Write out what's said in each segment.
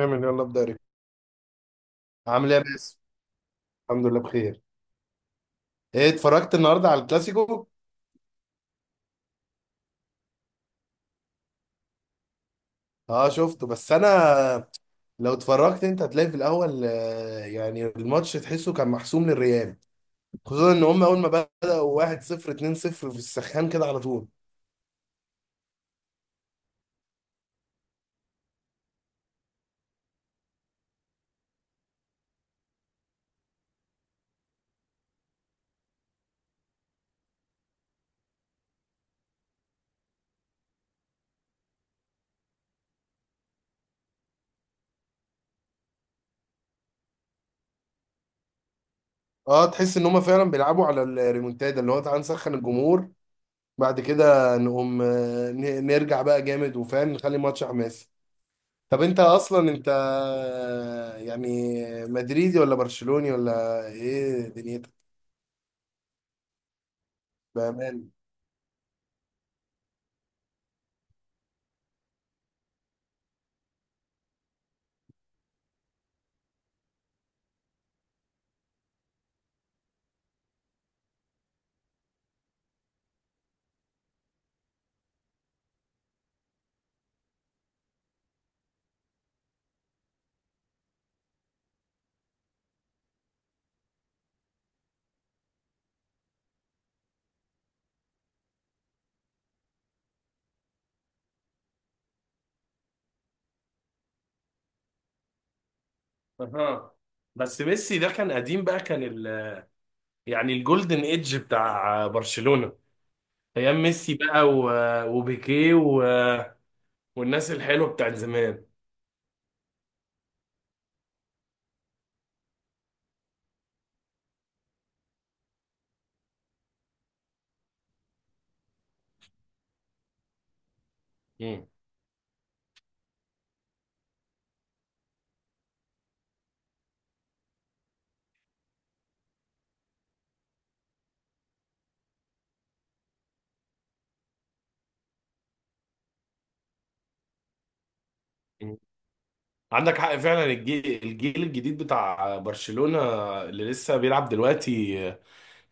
اعمل يلا ابدا ريكو. عامل ايه يا باسم؟ الحمد لله بخير. ايه، اتفرجت النهارده على الكلاسيكو؟ اه شفته، بس انا لو اتفرجت انت هتلاقي في الاول يعني الماتش تحسه كان محسوم للريال. خصوصا ان هم اول ما بدأوا 1-0، 2-0 في السخان كده على طول. اه تحس ان هم فعلا بيلعبوا على الريمونتادا، اللي هو تعالى نسخن الجمهور، بعد كده نقوم نرجع بقى جامد وفاهم نخلي الماتش حماسي. طب انت اصلا انت يعني مدريدي ولا برشلوني ولا ايه دنيتك؟ بامان. اها. بس ميسي ده كان قديم بقى، كان يعني الجولدن ايدج بتاع برشلونة، ايام ميسي بقى، وبيكيه، والناس الحلوة بتاعت زمان. مم. مم. عندك حق فعلا. الجيل الجديد بتاع برشلونة اللي لسه بيلعب دلوقتي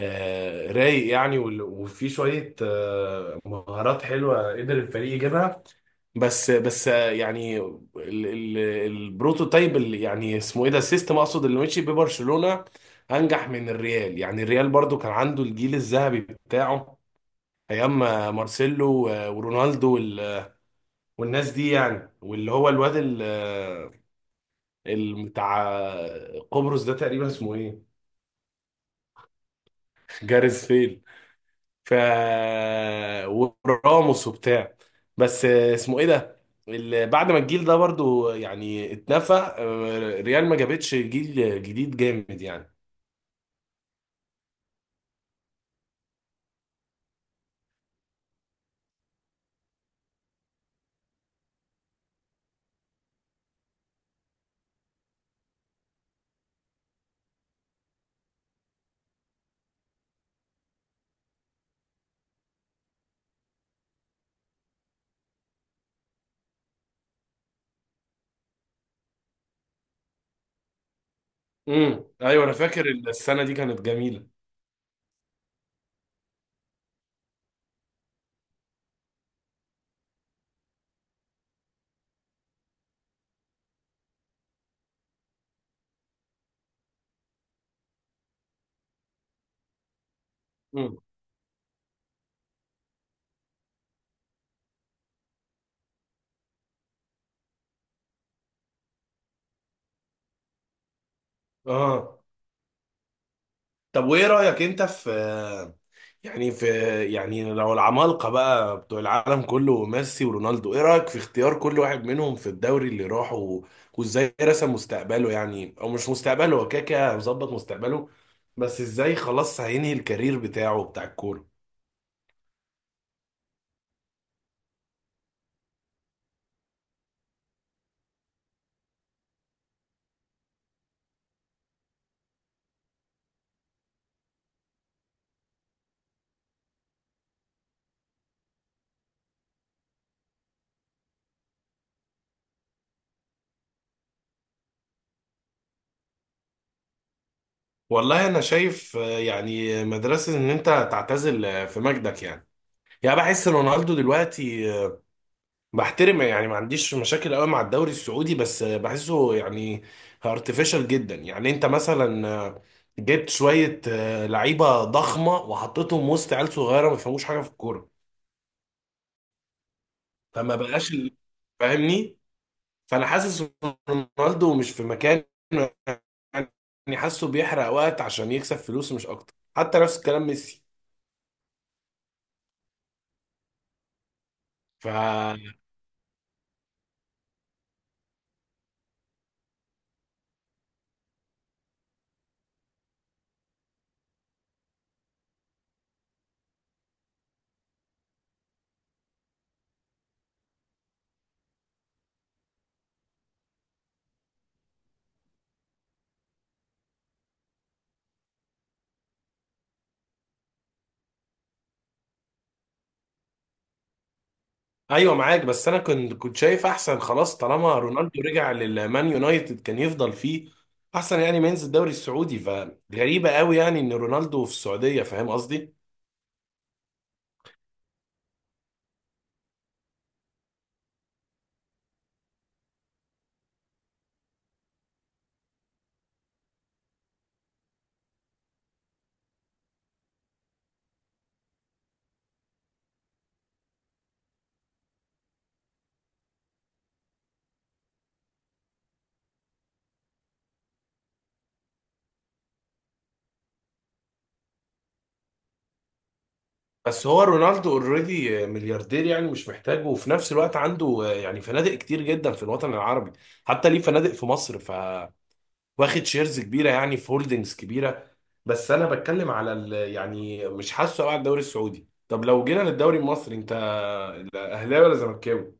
رايق يعني، وفي شوية مهارات حلوة قدر الفريق يجيبها. بس يعني البروتوتايب اللي يعني اسمه ايه ده، السيستم اقصد، اللي مشي ببرشلونة انجح من الريال. يعني الريال برضو كان عنده الجيل الذهبي بتاعه، ايام مارسيلو ورونالدو، والناس دي، يعني واللي هو الواد بتاع قبرص ده، تقريبا اسمه ايه؟ جاريث. ف وراموس وبتاع، بس اسمه ايه ده؟ بعد ما الجيل ده برضو يعني اتنفى، ريال ما جابتش جيل جديد جامد يعني. ايوه انا فاكر السنه دي كانت جميله. امم اه. طب وايه رأيك انت في، يعني في، يعني لو العمالقة بقى بتوع العالم كله ميسي ورونالدو، ايه رأيك في اختيار كل واحد منهم في الدوري اللي راحه، وازاي رسم مستقبله، يعني او مش مستقبله، هو كده كده مظبط مستقبله، بس ازاي خلاص هينهي الكارير بتاعه بتاع الكورة؟ والله انا شايف يعني مدرسة ان انت تعتزل في مجدك يعني. يعني بحس رونالدو دلوقتي بحترم، يعني ما عنديش مشاكل قوي مع الدوري السعودي، بس بحسه يعني ارتفيشال جدا. يعني انت مثلا جبت شوية لعيبة ضخمة وحطيتهم وسط عيال صغيرة ما بيفهموش حاجة في الكورة. فما بقاش فاهمني. فانا حاسس رونالدو مش في مكان، يعني حاسه بيحرق وقت عشان يكسب فلوس مش اكتر، حتى نفس الكلام ميسي. ف ايوه معاك. بس انا كنت شايف احسن، خلاص طالما رونالدو رجع للمان يونايتد كان يفضل فيه احسن، يعني ما ينزل الدوري السعودي. فغريبه قوي يعني ان رونالدو في السعوديه، فاهم قصدي؟ بس هو رونالدو اوريدي ملياردير، يعني مش محتاجه، وفي نفس الوقت عنده يعني فنادق كتير جدا في الوطن العربي، حتى ليه فنادق في مصر. واخد شيرز كبيره يعني، في هولدنجز كبيره. بس انا بتكلم على يعني مش حاسه قوي على الدوري السعودي. طب لو جينا للدوري المصري، انت اهلاوي ولا زملكاوي؟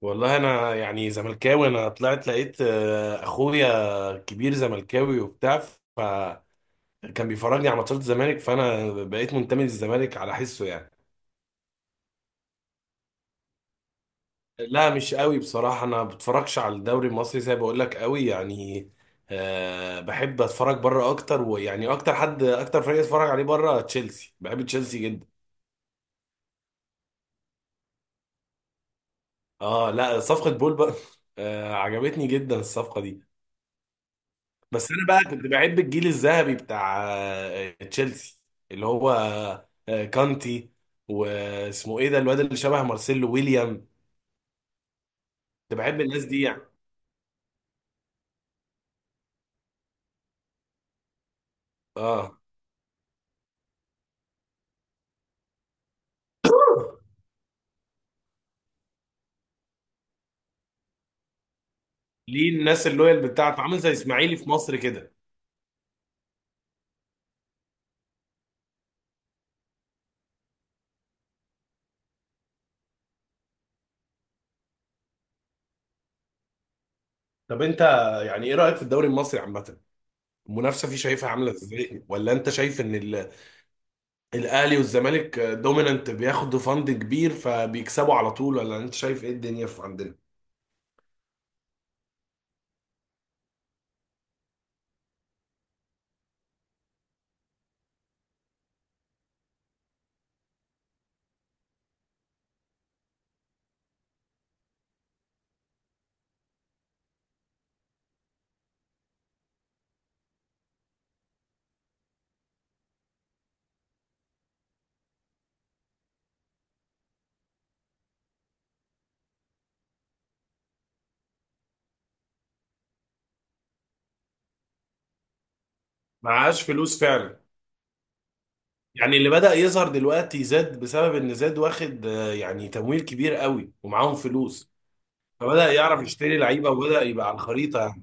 والله انا يعني زملكاوي، انا طلعت لقيت اخويا كبير زملكاوي وبتاع، فكان بيفرجني على ماتشات الزمالك، فانا بقيت منتمي للزمالك على حسه يعني. لا مش قوي بصراحة، انا ما بتفرجش على الدوري المصري زي ما بقول لك قوي يعني. بحب اتفرج بره اكتر، ويعني اكتر حد اكتر فريق اتفرج عليه بره تشيلسي، بحب تشيلسي جدا. اه لا، صفقة بول بقى عجبتني جدا الصفقة دي. بس انا بقى كنت بحب الجيل الذهبي بتاع تشيلسي، اللي هو كانتي، واسمه ايه ده الواد اللي شبه مارسيلو، ويليام. كنت بحب الناس دي يعني. اه، ليه؟ الناس اللويال بتاعته، عامل زي اسماعيلي في مصر كده. طب انت، يعني ايه رايك في الدوري المصري عامه؟ المنافسه فيه شايفها عامله ازاي؟ ولا انت شايف ان الاهلي والزمالك دومينانت، بياخدوا فند كبير فبيكسبوا على طول؟ ولا انت شايف ايه الدنيا في عندنا؟ معهاش فلوس فعلا. يعني اللي بدأ يظهر دلوقتي زاد، بسبب ان زاد واخد يعني تمويل كبير قوي ومعاهم فلوس، فبدأ يعرف يشتري لعيبة وبدأ يبقى على الخريطة.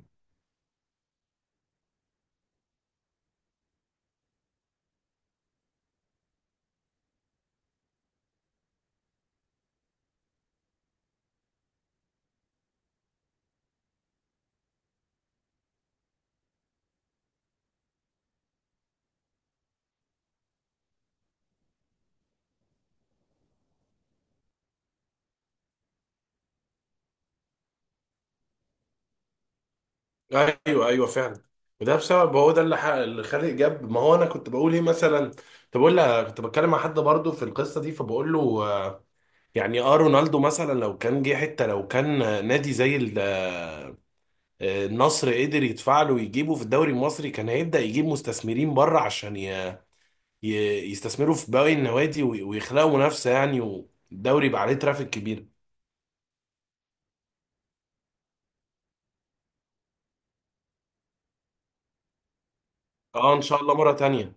يعني ايوه ايوه فعلا. وده بسبب، هو ده اللي اللي خالق جاب. ما هو انا كنت بقول ايه مثلا، كنت بقول كنت بتكلم مع حد برضه في القصة دي، فبقول له آه، يعني، اه رونالدو مثلا لو كان جه حتة، لو كان نادي زي النصر، قدر يدفع له ويجيبه في الدوري المصري، كان هيبدأ يجيب مستثمرين بره عشان يستثمروا في باقي النوادي، ويخلقوا منافسة يعني، والدوري يبقى عليه ترافيك كبير. اه ان شاء الله مرة تانية.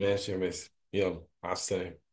ماشي يا باسم، يلا مع السلامة.